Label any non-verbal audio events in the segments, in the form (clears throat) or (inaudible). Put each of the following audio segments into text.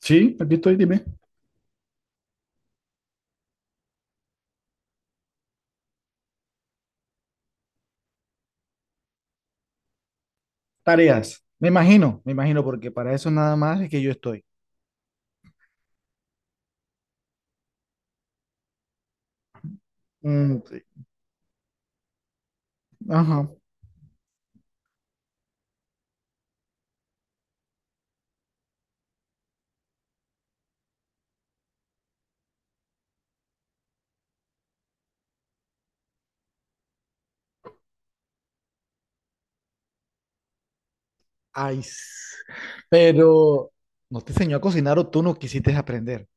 Sí, aquí estoy, dime. Tareas. Me imagino, porque para eso nada más es que yo estoy. Mm, sí. Ajá. Ay, pero no te enseñó a cocinar o tú no quisiste aprender.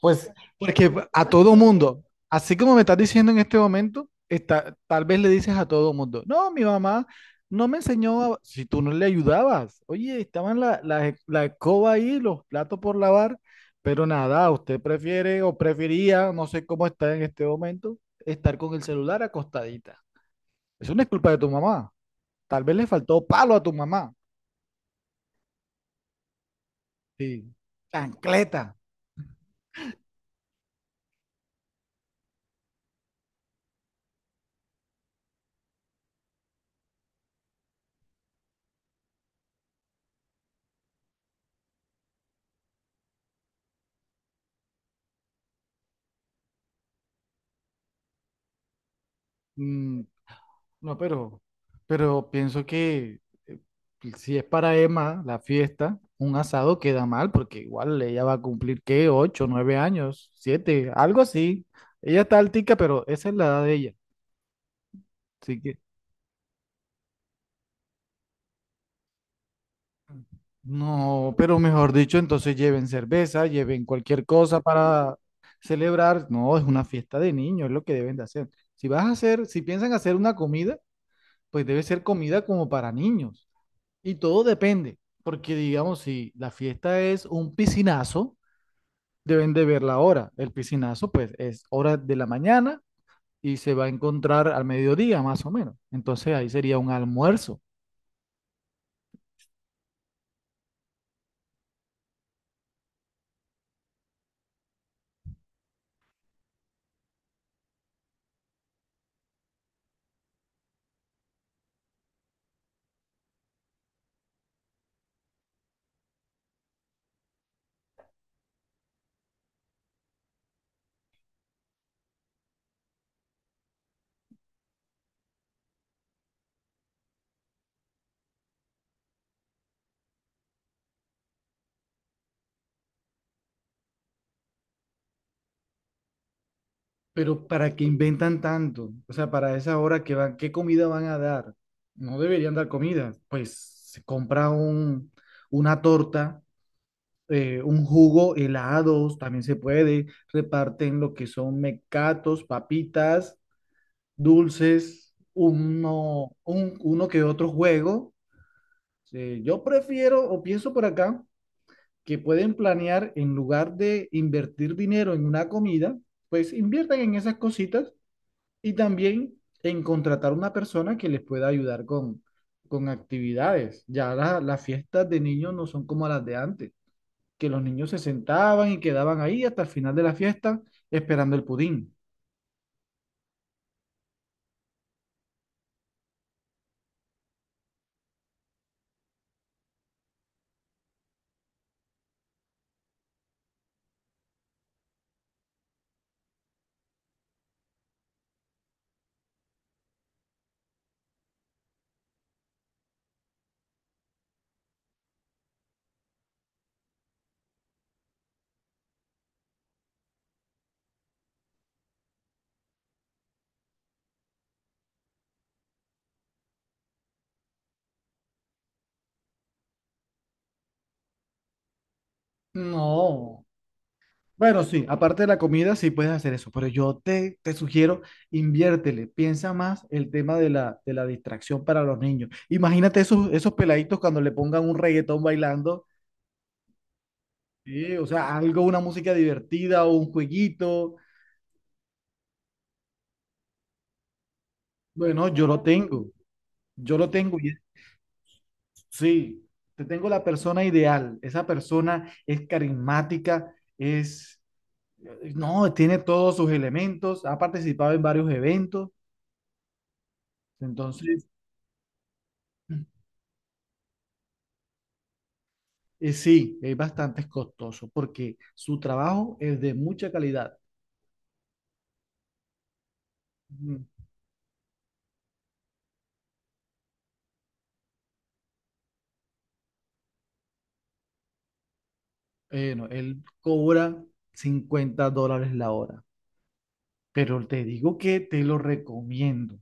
Pues porque a todo mundo, así como me estás diciendo en este momento, está, tal vez le dices a todo mundo, no, mi mamá no me enseñó, a-". Si tú no le ayudabas, oye, estaban la escoba ahí, los platos por lavar, pero nada, usted prefiere o prefería, no sé cómo está en este momento, estar con el celular acostadita. Eso no es culpa de tu mamá, tal vez le faltó palo a tu mamá, sí, chancleta. Mm. No, pero pienso que eh, si es para Emma la fiesta, un asado queda mal porque igual ella va a cumplir, ¿qué? 8, 9 años, 7, algo así. Ella está altica, pero esa es la edad de ella. Así que, no, pero mejor dicho, entonces lleven cerveza, lleven cualquier cosa para celebrar. No, es una fiesta de niños, es lo que deben de hacer. Si vas a hacer, si piensan hacer una comida, pues debe ser comida como para niños. Y todo depende, porque digamos, si la fiesta es un piscinazo, deben de ver la hora. El piscinazo, pues, es hora de la mañana y se va a encontrar al mediodía, más o menos. Entonces ahí sería un almuerzo. Pero ¿para qué inventan tanto? O sea, para esa hora que van, ¿qué comida van a dar? No deberían dar comida. Pues se compra una torta, un jugo, helados, también se puede. Reparten lo que son mecatos, papitas, dulces, uno que otro juego. Yo prefiero o pienso por acá que pueden planear en lugar de invertir dinero en una comida, pues inviertan en esas cositas y también en contratar una persona que les pueda ayudar con actividades. Ya las fiestas de niños no son como las de antes, que los niños se sentaban y quedaban ahí hasta el final de la fiesta esperando el pudín. No. Bueno, sí, aparte de la comida, sí puedes hacer eso, pero yo te sugiero, inviértele, piensa más el tema de la distracción para los niños. Imagínate esos peladitos cuando le pongan un reggaetón bailando, sí, o sea, algo, una música divertida o un jueguito. Bueno, yo lo tengo, y sí, te tengo la persona ideal, esa persona es carismática, es, no, tiene todos sus elementos, ha participado en varios eventos, entonces... sí, es bastante costoso porque su trabajo es de mucha calidad. Mm, no, él cobra $50 la hora, pero te digo que te lo recomiendo.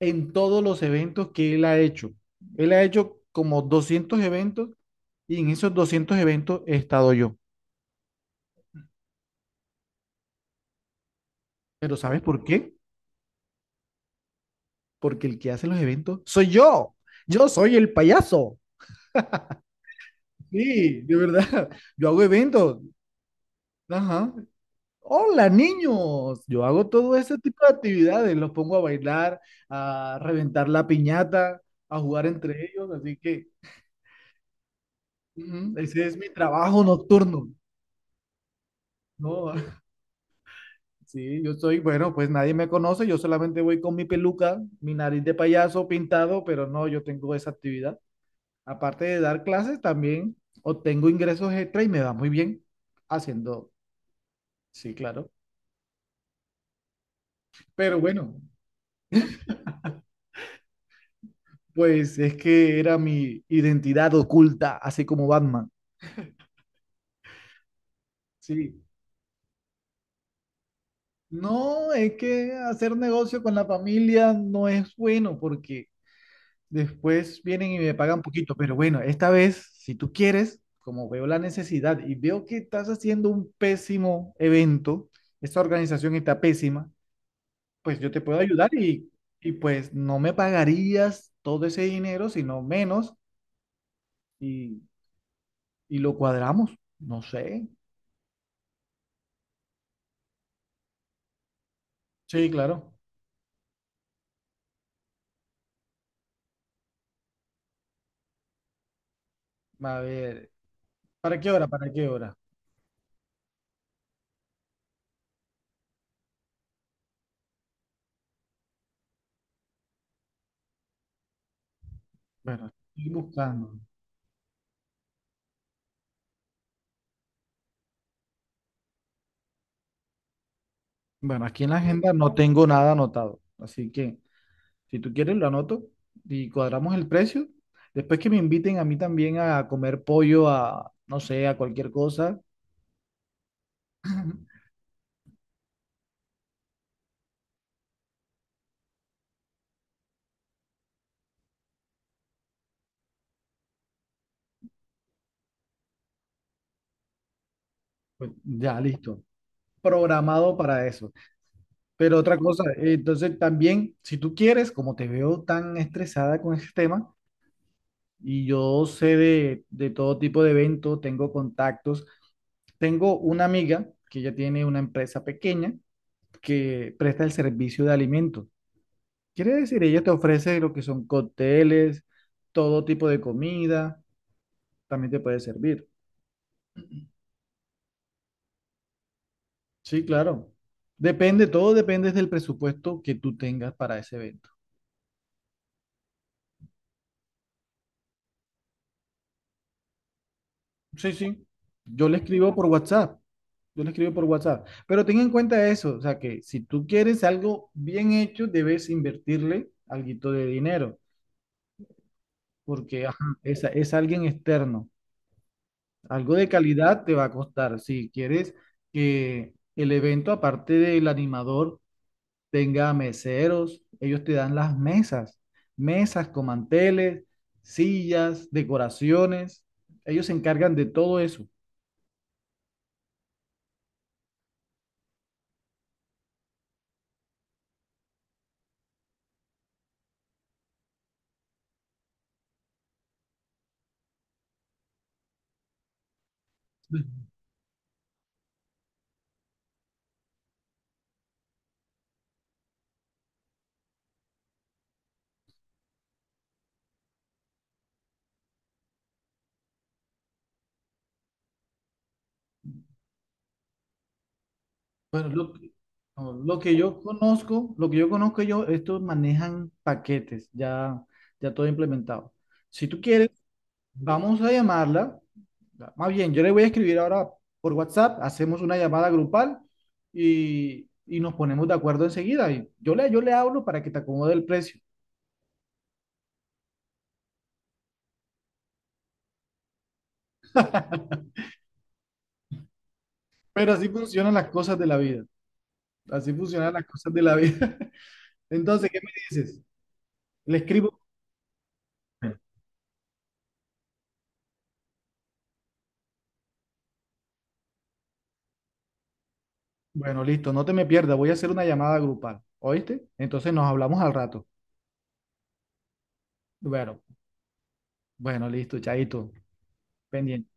En todos los eventos que él ha hecho como 200 eventos y en esos 200 eventos he estado yo. Pero ¿sabes por qué? Porque el que hace los eventos soy yo. Yo soy el payaso. Sí, de verdad. (laughs) Yo hago eventos. Ajá. Hola niños, yo hago todo ese tipo de actividades, los pongo a bailar, a reventar la piñata, a jugar entre ellos, así que ujú, ese es mi trabajo nocturno, ¿no? (laughs) Sí, yo soy, bueno, pues nadie me conoce, yo solamente voy con mi peluca, mi nariz de payaso pintado, pero no, yo tengo esa actividad. Aparte de dar clases, también obtengo ingresos extra y me va muy bien haciendo, sí, claro. Pero bueno. Pues es que era mi identidad oculta, así como Batman. Sí. No, es que hacer negocio con la familia no es bueno porque después vienen y me pagan poquito, pero bueno, esta vez, si tú quieres, como veo la necesidad y veo que estás haciendo un pésimo evento, esta organización está pésima, pues yo te puedo ayudar y pues no me pagarías todo ese dinero, sino menos y, y lo cuadramos. No sé. Sí, claro. A ver, ¿para qué hora? ¿Para qué hora? Bueno, estoy buscando. Bueno, aquí en la agenda no tengo nada anotado, así que si tú quieres lo anoto y cuadramos el precio. Después que me inviten a mí también a comer pollo, a no sé, a cualquier cosa. (clears throat) (laughs) Pues ya listo. Programado para eso. Pero otra cosa, entonces también, si tú quieres, como te veo tan estresada con ese tema y yo sé de todo tipo de eventos, tengo contactos. Tengo una amiga que ya tiene una empresa pequeña que presta el servicio de alimentos. Quiere decir, ella te ofrece lo que son cócteles, todo tipo de comida, también te puede servir. Sí, claro. Depende, todo depende del presupuesto que tú tengas para ese evento. Sí, sí. Yo le escribo por WhatsApp. Yo le escribo por WhatsApp. Pero ten en cuenta eso, o sea que si tú quieres algo bien hecho, debes invertirle alguito de dinero, porque ajá, es alguien externo. Algo de calidad te va a costar. Si quieres que el evento, aparte del animador, tenga meseros, ellos te dan las mesas, mesas con manteles, sillas, decoraciones. Ellos se encargan de todo eso. Bueno, lo, que no, lo que yo conozco, lo que yo conozco yo, estos manejan paquetes, ya, ya todo implementado. Si tú quieres, vamos a llamarla. Más bien, yo le voy a escribir ahora por WhatsApp, hacemos una llamada grupal y nos ponemos de acuerdo enseguida. Y yo le hablo para que te acomode el precio. (laughs) Pero así funcionan las cosas de la vida. Así funcionan las cosas de la vida. (laughs) Entonces, ¿qué me dices? Le escribo. Bueno, listo, no te me pierdas. Voy a hacer una llamada grupal. ¿Oíste? Entonces nos hablamos al rato. Bueno, bueno, listo, chaito. Pendiente.